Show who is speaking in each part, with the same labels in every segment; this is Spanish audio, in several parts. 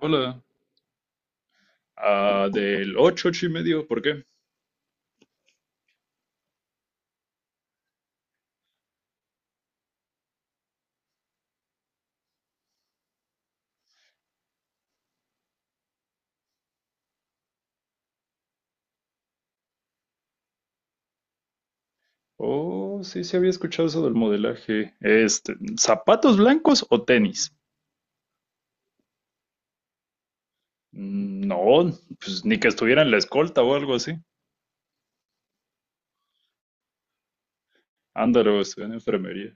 Speaker 1: Hola. Ah, del 8 8 y medio, ¿por qué? Oh, sí, sí había escuchado eso del modelaje. Este, ¿zapatos blancos o tenis? Mm, no, pues ni que estuviera en la escolta o algo así. Ándalo, estoy en enfermería.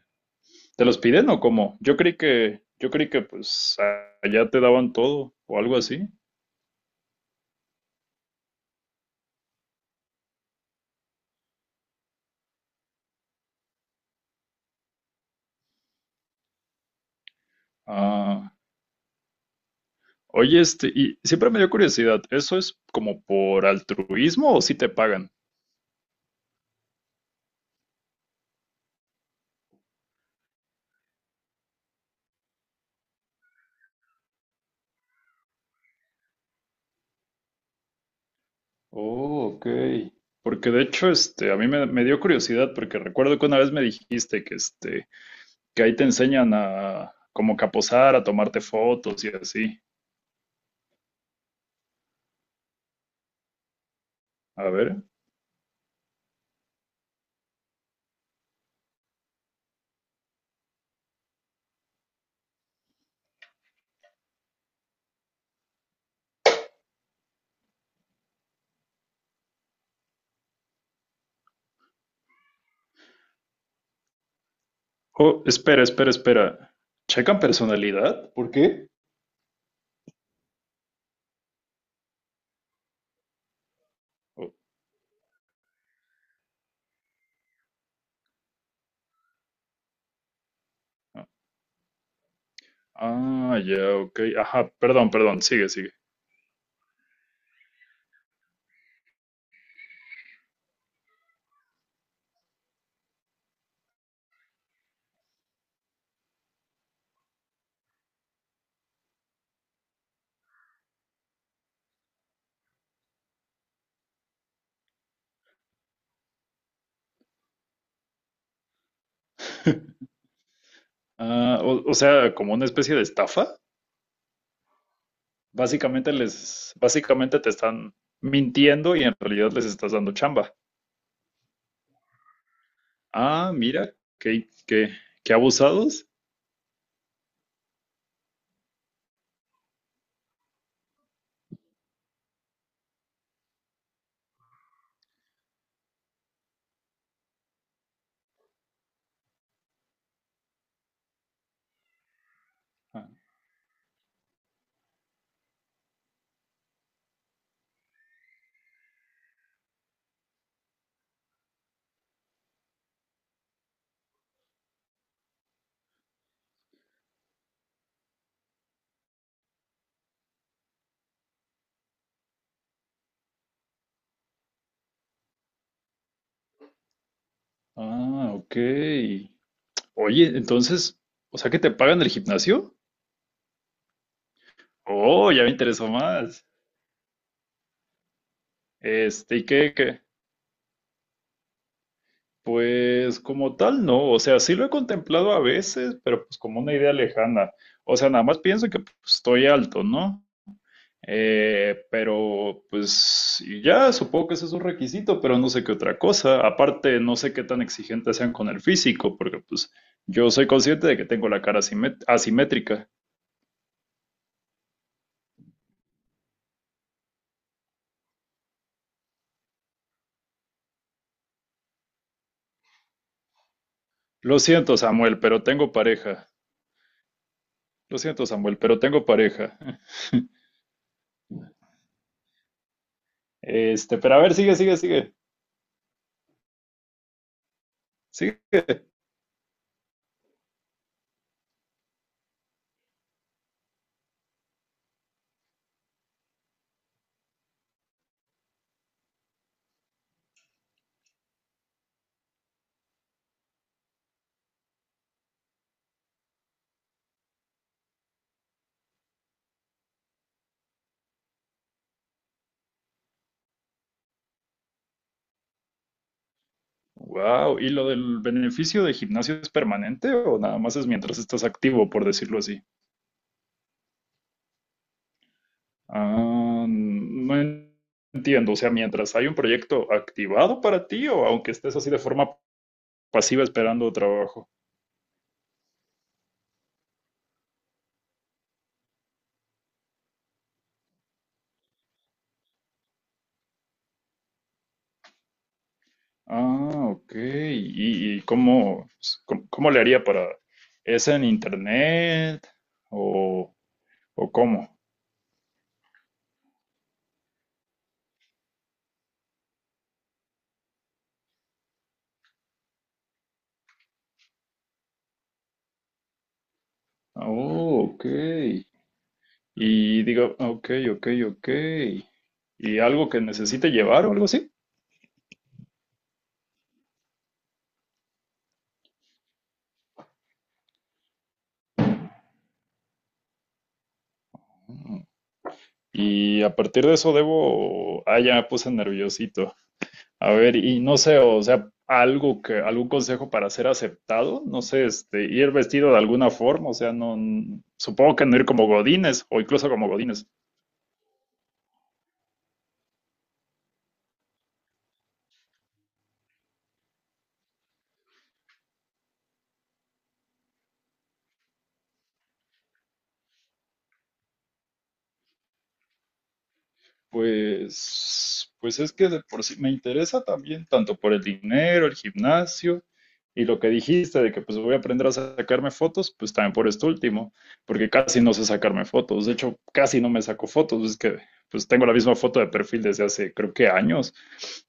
Speaker 1: ¿Te los piden o cómo? Yo creí que pues allá te daban todo o algo así. Ah. Oye, este, y siempre me dio curiosidad, ¿eso es como por altruismo o si te pagan? Oh, ok. Porque de hecho, este, a mí me dio curiosidad porque recuerdo que una vez me dijiste que, este, que ahí te enseñan a como que a posar, a tomarte fotos y así. A ver. Oh, espera, espera, espera. ¿Checan personalidad? ¿Por qué? Ah, ya, ok. Ajá, perdón, perdón, sigue, sigue. Ah, o sea, como una especie de estafa. Básicamente te están mintiendo y en realidad les estás dando chamba. Ah, mira, qué, qué, qué abusados. Ah, ok. Oye, entonces, ¿o sea que te pagan el gimnasio? Oh, ya me interesó más. Este, ¿y qué? Pues como tal, no. O sea, sí lo he contemplado a veces, pero pues como una idea lejana. O sea, nada más pienso que pues, estoy alto, ¿no? Pero pues y ya, supongo que ese es un requisito, pero no sé qué otra cosa. Aparte, no sé qué tan exigentes sean con el físico, porque pues yo soy consciente de que tengo la cara asimétrica. Lo siento, Samuel, pero tengo pareja. Lo siento, Samuel, pero tengo pareja. Este, pero a ver, sigue, sigue, sigue. Sigue. Wow, ¿y lo del beneficio de gimnasio es permanente o nada más es mientras estás activo, por decirlo así? Ah, no entiendo, o sea, mientras hay un proyecto activado para ti o aunque estés así de forma pasiva esperando trabajo. Ah, ok. ¿Y cómo le haría para... ¿Es en internet o, o cómo? Oh, ok. Y digo, ok, ok, ok. Y algo que necesite llevar o algo así. Mm. Y a partir de eso debo, ya me puse nerviosito. A ver, y no sé, o sea, algo que, algún consejo para ser aceptado, no sé, este, ir vestido de alguna forma, o sea, no, supongo que no ir como godines o incluso como godines. Pues es que de por sí me interesa también, tanto por el dinero, el gimnasio y lo que dijiste de que pues voy a aprender a sacarme fotos, pues también por esto último, porque casi no sé sacarme fotos. De hecho, casi no me saco fotos, es que pues tengo la misma foto de perfil desde hace creo que años.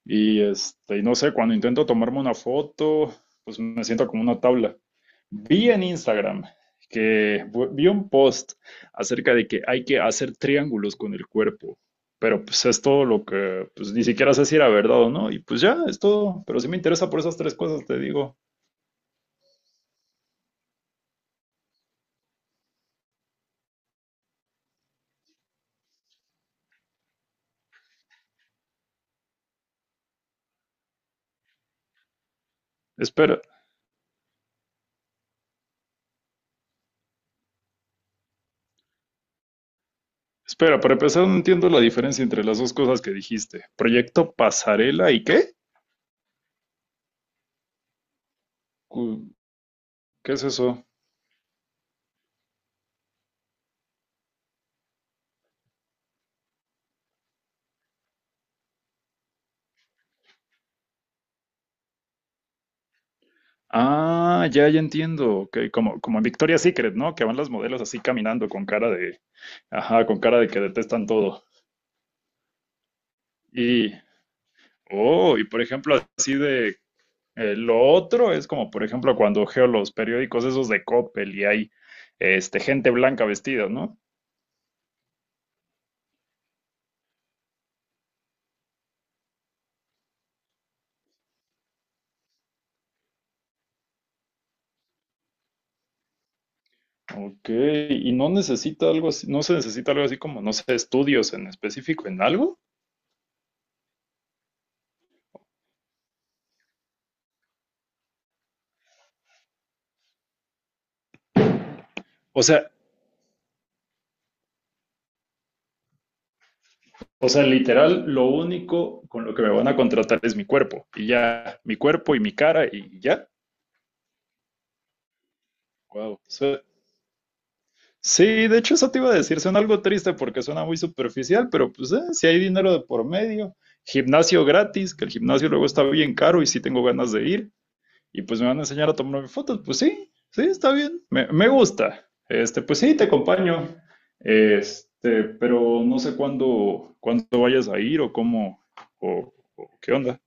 Speaker 1: Y este, y no sé, cuando intento tomarme una foto, pues me siento como una tabla. Vi en Instagram que vi un post acerca de que hay que hacer triángulos con el cuerpo. Pero pues es todo lo que, pues ni siquiera sé si era verdad o no. Y pues ya, es todo. Pero sí me interesa por esas tres cosas, te digo. Espera, espera, para empezar no entiendo la diferencia entre las dos cosas que dijiste. ¿Proyecto pasarela y qué? Cu- ¿Qué es eso? Ah, ya, ya entiendo. Ok, como en Victoria's Secret, ¿no? Que van las modelos así caminando con cara de, ajá, con cara de que detestan todo. Y, oh, y por ejemplo, así de... lo otro es como, por ejemplo, cuando geo los periódicos esos de Coppel y hay este, gente blanca vestida, ¿no? Ok, y no necesita algo así, no se necesita algo así como, no sé, estudios en específico en algo. O sea, o sea, literal, lo único con lo que me van a contratar es mi cuerpo y ya, mi cuerpo y mi cara y ya. Wow. Sí, de hecho eso te iba a decir, suena algo triste porque suena muy superficial, pero pues si hay dinero de por medio, gimnasio gratis, que el gimnasio luego está bien caro y sí tengo ganas de ir, y pues me van a enseñar a tomarme fotos, pues sí, sí, está bien, me gusta. Este, pues sí, te acompaño. Este, pero no sé cuándo vayas a ir o cómo, o qué onda.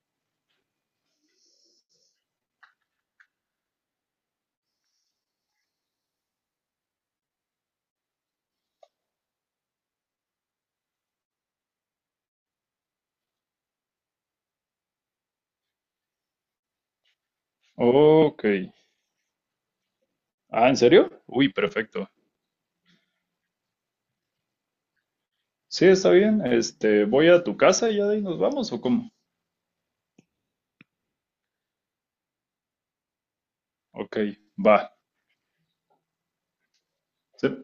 Speaker 1: Ok. Ah, ¿en serio? Uy, perfecto. Sí, está bien. Este, voy a tu casa y ya de ahí nos vamos, ¿o cómo? Ok, va. Sí.